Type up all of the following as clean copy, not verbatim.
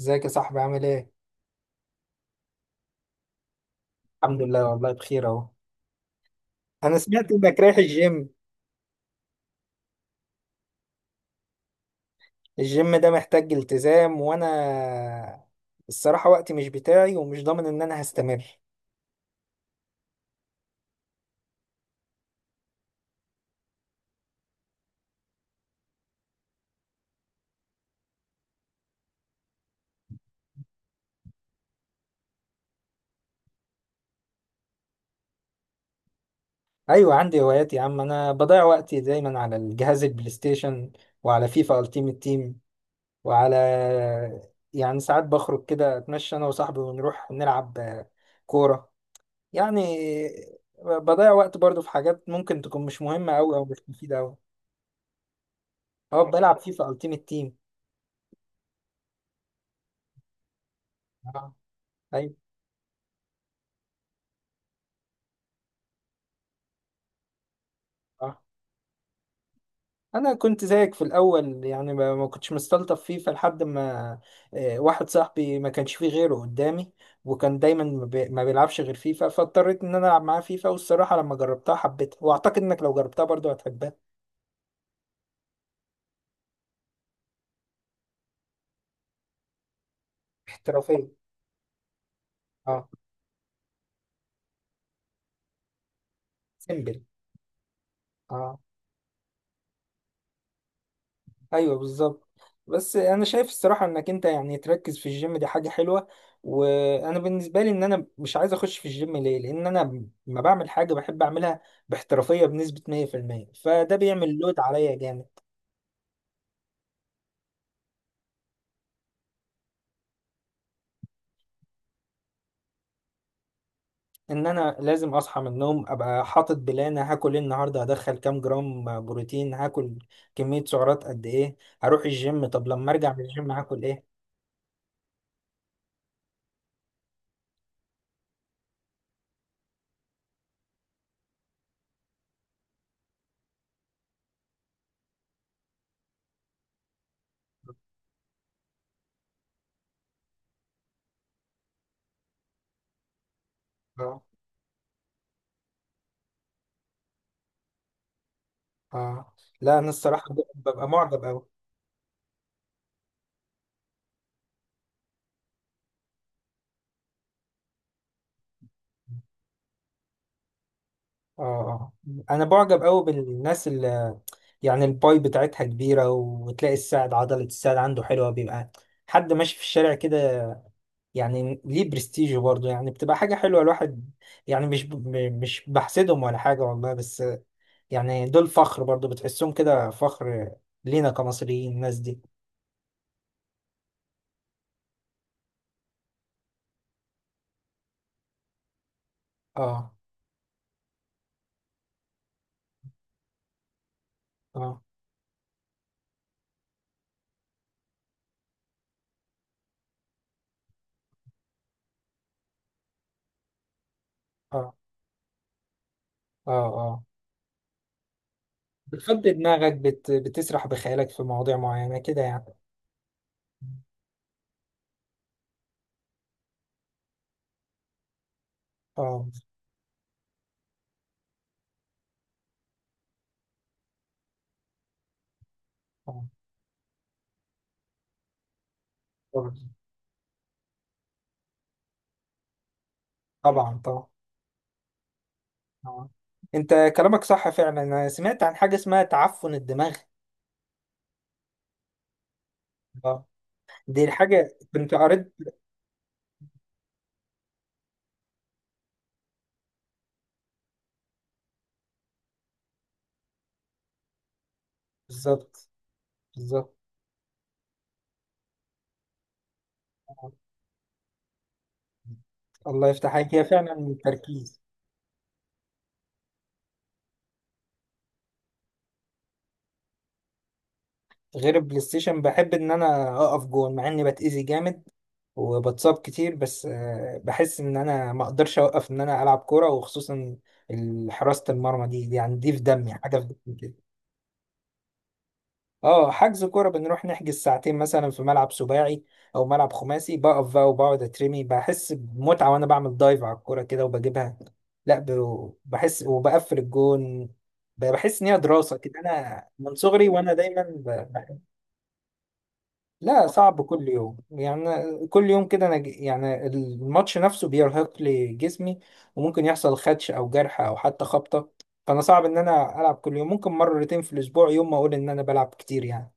ازيك يا صاحبي عامل ايه؟ الحمد لله والله بخير اهو. انا سمعت انك رايح الجيم. الجيم ده محتاج التزام، وانا الصراحة وقتي مش بتاعي ومش ضامن ان انا هستمر. ايوه، عندي هوايات يا عم. انا بضيع وقتي دايما على الجهاز البلاي ستيشن، وعلى فيفا التيمت تيم، وعلى... يعني ساعات بخرج كده اتمشى انا وصاحبي ونروح نلعب كورة. يعني بضيع وقت برضو في حاجات ممكن تكون مش مهمة اوي او مش مفيدة اوي. اه، بلعب فيفا التيمت تيم. ايوه صح. انا كنت زيك في الاول، يعني ما كنتش مستلطف فيه، فلحد ما واحد صاحبي ما كانش فيه غيره قدامي، وكان دايما ما بيلعبش غير فيفا، فاضطريت ان انا العب معاه فيفا. والصراحه لما جربتها حبيتها، واعتقد انك لو جربتها برضه هتحبها. احترافيه. اه، سيمبل. اه، ايوه بالظبط. بس انا شايف الصراحه انك انت يعني تركز في الجيم، دي حاجه حلوه. وانا بالنسبه لي ان انا مش عايز اخش في الجيم، ليه؟ لان انا ما بعمل حاجه بحب اعملها باحترافيه بنسبه 100%، فده بيعمل لود عليا جامد. ان انا لازم اصحى من النوم ابقى حاطط بلان، هاكل ايه النهارده، هدخل كام جرام بروتين، هاكل كميه سعرات قد ايه، هروح الجيم، طب لما ارجع من الجيم هاكل ايه. اه اه، لا انا الصراحه ببقى معجب قوي. اه آه. انا بعجب قوي بالناس اللي يعني الباي بتاعتها كبيره، وتلاقي الساعد عضله الساعد عنده حلوه، بيبقى حد ماشي في الشارع كده، يعني ليه برستيج برضه، يعني بتبقى حاجه حلوه. الواحد يعني مش ب... م- مش بحسدهم ولا حاجه والله، بس يعني دول فخر برضه، بتحسهم كده فخر لينا كمصريين الناس دي. اه، اه، اه، اه، اه. بتفضي دماغك بتسرح بخيالك في مواضيع معينه كده يعني. اه آه. طبعا طبعا. آه. انت كلامك صح فعلا، انا سمعت عن حاجه اسمها تعفن الدماغ. اه، دي الحاجه كنت قريت. بالظبط بالظبط. آه. الله يفتح عليك، هي فعلا التركيز. غير البلاي ستيشن، بحب ان انا اقف جون مع اني بتأذي جامد وبتصاب كتير. بس بحس ان انا ما اقدرش اوقف ان انا العب كوره، وخصوصا حراسه المرمى دي، يعني دي في دمي، حاجه في دمي. اه، حجز كوره بنروح نحجز ساعتين مثلا في ملعب سباعي او ملعب خماسي، بقف بقى وبقعد اترمي، بحس بمتعه وانا بعمل دايف على الكوره كده وبجيبها. لا، بحس وبقفل الجون. بحس ان هي دراسه كده، انا من صغري وانا دايما بحب. لا، صعب كل يوم. يعني أنا كل يوم كده انا يعني الماتش نفسه بيرهق لي جسمي، وممكن يحصل خدش او جرح او حتى خبطه، فانا صعب ان انا العب كل يوم. ممكن مرتين في الاسبوع، يوم ما اقول ان انا بلعب كتير يعني،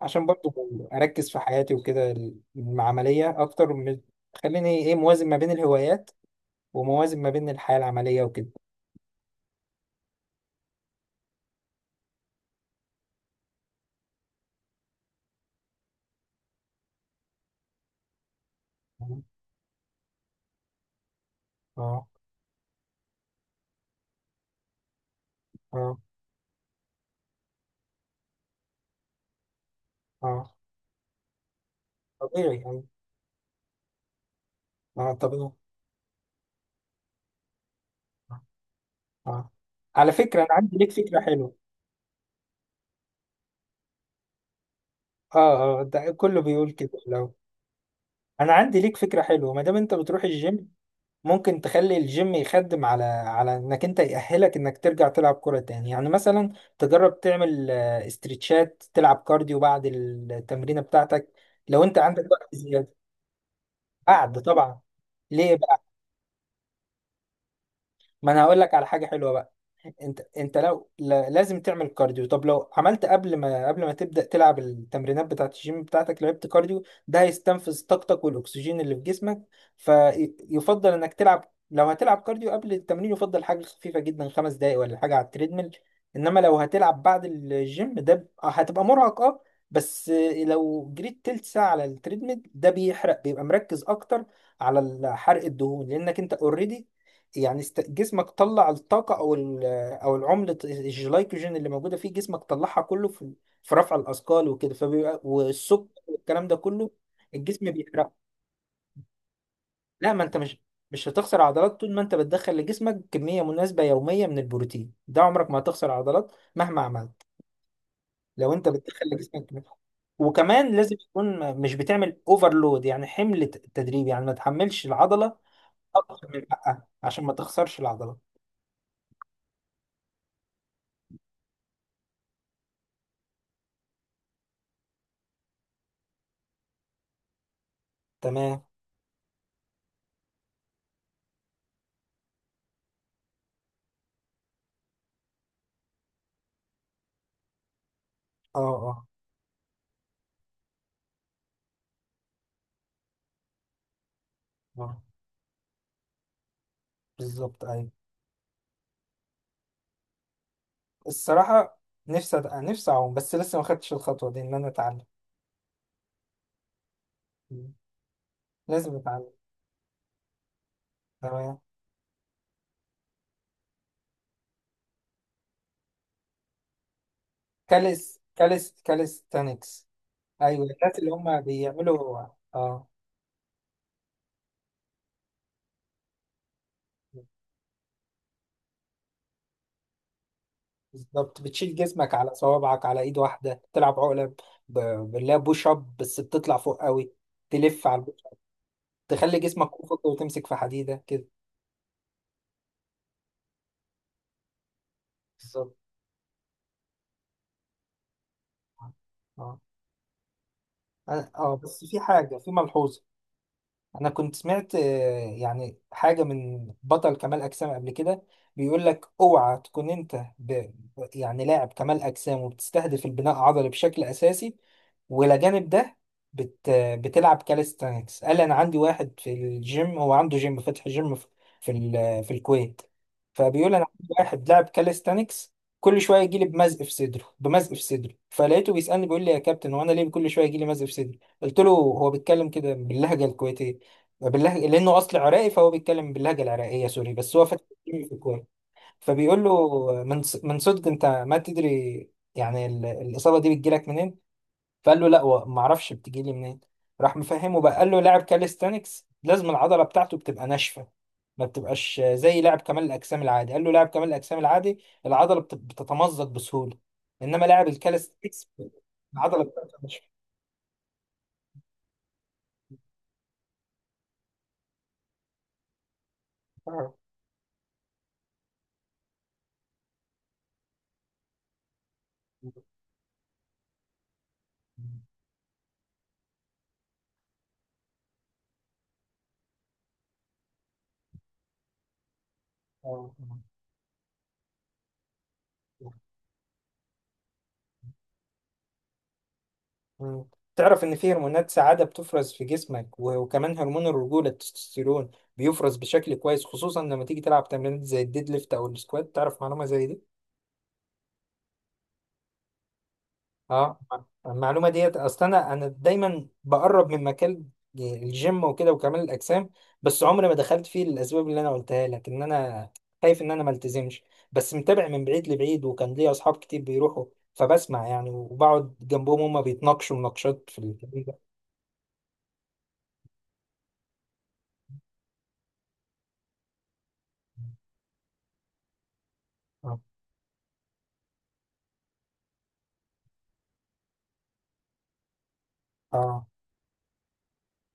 عشان برضو اركز في حياتي وكده. العمليه اكتر من... خليني ايه، موازن ما بين الهوايات، وموازن ما بين الحياه العمليه وكده. اه، اه، اه طبيعي يعني. اه طبيعي. اه، على فكره انا عندي ليك فكره حلوه. اه اه، ده كله بيقول كده. لو... انا عندي ليك فكره حلوه، ما دام انت بتروح الجيم ممكن تخلي الجيم يخدم على على انك انت يأهلك انك ترجع تلعب كرة تاني. يعني مثلا تجرب تعمل استرتشات، تلعب كارديو بعد التمرينة بتاعتك لو انت عندك وقت زيادة. بعد طبعا. ليه بقى؟ ما انا هقول لك على حاجة حلوة بقى. انت لو لازم تعمل كارديو، طب لو عملت قبل ما تبدأ تلعب التمرينات بتاعت الجيم بتاعتك، لعبت كارديو، ده هيستنفذ طاقتك والاكسجين اللي في جسمك. فيفضل انك تلعب، لو هتلعب كارديو قبل التمرين يفضل حاجة خفيفة جدا، خمس دقايق ولا حاجة على التريدميل. انما لو هتلعب بعد الجيم، ده هتبقى مرهق. اه، بس لو جريت تلت ساعة على التريدميل، ده بيحرق، بيبقى مركز اكتر على حرق الدهون، لانك انت اوريدي يعني جسمك طلع الطاقة، او العملة الجلايكوجين اللي موجودة في جسمك طلعها كله في رفع الاثقال وكده، فبيبقى... والسكر والكلام ده كله الجسم بيحرقه. لا، ما انت مش هتخسر عضلات طول ما انت بتدخل لجسمك كمية مناسبة يومية من البروتين. ده عمرك ما هتخسر عضلات مهما عملت، لو انت بتدخل لجسمك كمية. وكمان لازم تكون مش بتعمل اوفرلود، يعني حمل تدريبي، يعني ما تحملش العضلة اكتر من حقها عشان ما تخسرش العضلة. تمام. اه، اه، اه بالظبط، ايوه. الصراحة نفسي أعوم، بس لسه ما خدتش الخطوة دي إن أنا أتعلم. مم. لازم أتعلم. تمام. كاليستانكس، أيوة الناس اللي هم بيعملوا. آه بالظبط. بتشيل جسمك على صوابعك، على إيد واحدة تلعب عقلة بالله، بوش أب بس بتطلع فوق قوي، تلف على البوش، تخلي جسمك أفقي وتمسك في حديدة كده. بالظبط. آه، آه، آه، بس في حاجة، في ملحوظة. انا كنت سمعت يعني حاجه من بطل كمال اجسام قبل كده، بيقول لك: اوعى تكون انت يعني لاعب كمال اجسام وبتستهدف البناء العضلي بشكل اساسي، ولا جانب ده بت... بتلعب كاليستانكس. قال: انا عندي واحد في الجيم، هو عنده جيم فاتح، جيم في في الكويت. فبيقول: انا عندي واحد لاعب كاليستانكس، كل شويه يجي لي بمزق في صدره، بمزق في صدره. فلقيته بيسالني بيقول لي: يا كابتن، هو انا ليه كل شويه يجي لي مزق في صدري؟ قلت له، هو بيتكلم كده باللهجه الكويتيه بالله، لانه اصل عراقي فهو بيتكلم باللهجه العراقيه سوري، بس هو فاتح تيم في الكوره. فبيقول له: من صدق انت ما تدري يعني الاصابه دي بتجيلك منين؟ فقال له: لا ما اعرفش بتجيلي منين. راح مفهمه بقى، قال له: لاعب كاليستانكس لازم العضله بتاعته بتبقى ناشفه، ما بتبقاش زي لاعب كمال الاجسام العادي. قال له: لاعب كمال الاجسام العادي العضله بتتمزق بسهوله، انما لاعب الكاليستانكس العضله بتاعته ناشفه. آه. آه. مم. تعرف إن في هرمونات سعادة بتفرز في جسمك، وكمان هرمون الرجولة التستوستيرون بيفرز بشكل كويس، خصوصا لما تيجي تلعب تمرينات زي الديد ليفت أو السكوات. تعرف معلومة زي دي؟ اه، المعلومة ديت أصل أنا دايما بقرب من مكان الجيم وكده وكمال الأجسام، بس عمري ما دخلت فيه للأسباب اللي أنا قلتها لك، إن أنا خايف إن أنا ما التزمش. بس متابع من بعيد لبعيد، وكان ليا أصحاب كتير بيروحوا، فبسمع يعني وبقعد جنبهم هما بيتناقشوا مناقشات في الكلام ده. اه آه.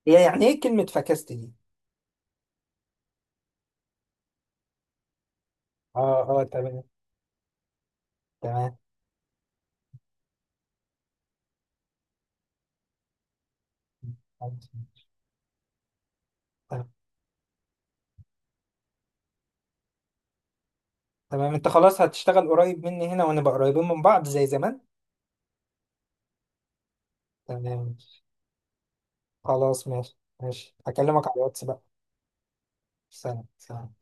هي يعني ايه كلمة فكست دي؟ اه اه، تمام. تمام، تمام، تمام. انت خلاص هتشتغل قريب مني هنا، ونبقى قريبين من بعض زي زمان؟ تمام، خلاص ماشي، ماشي هكلمك على الواتس بقى. سلام، سلام.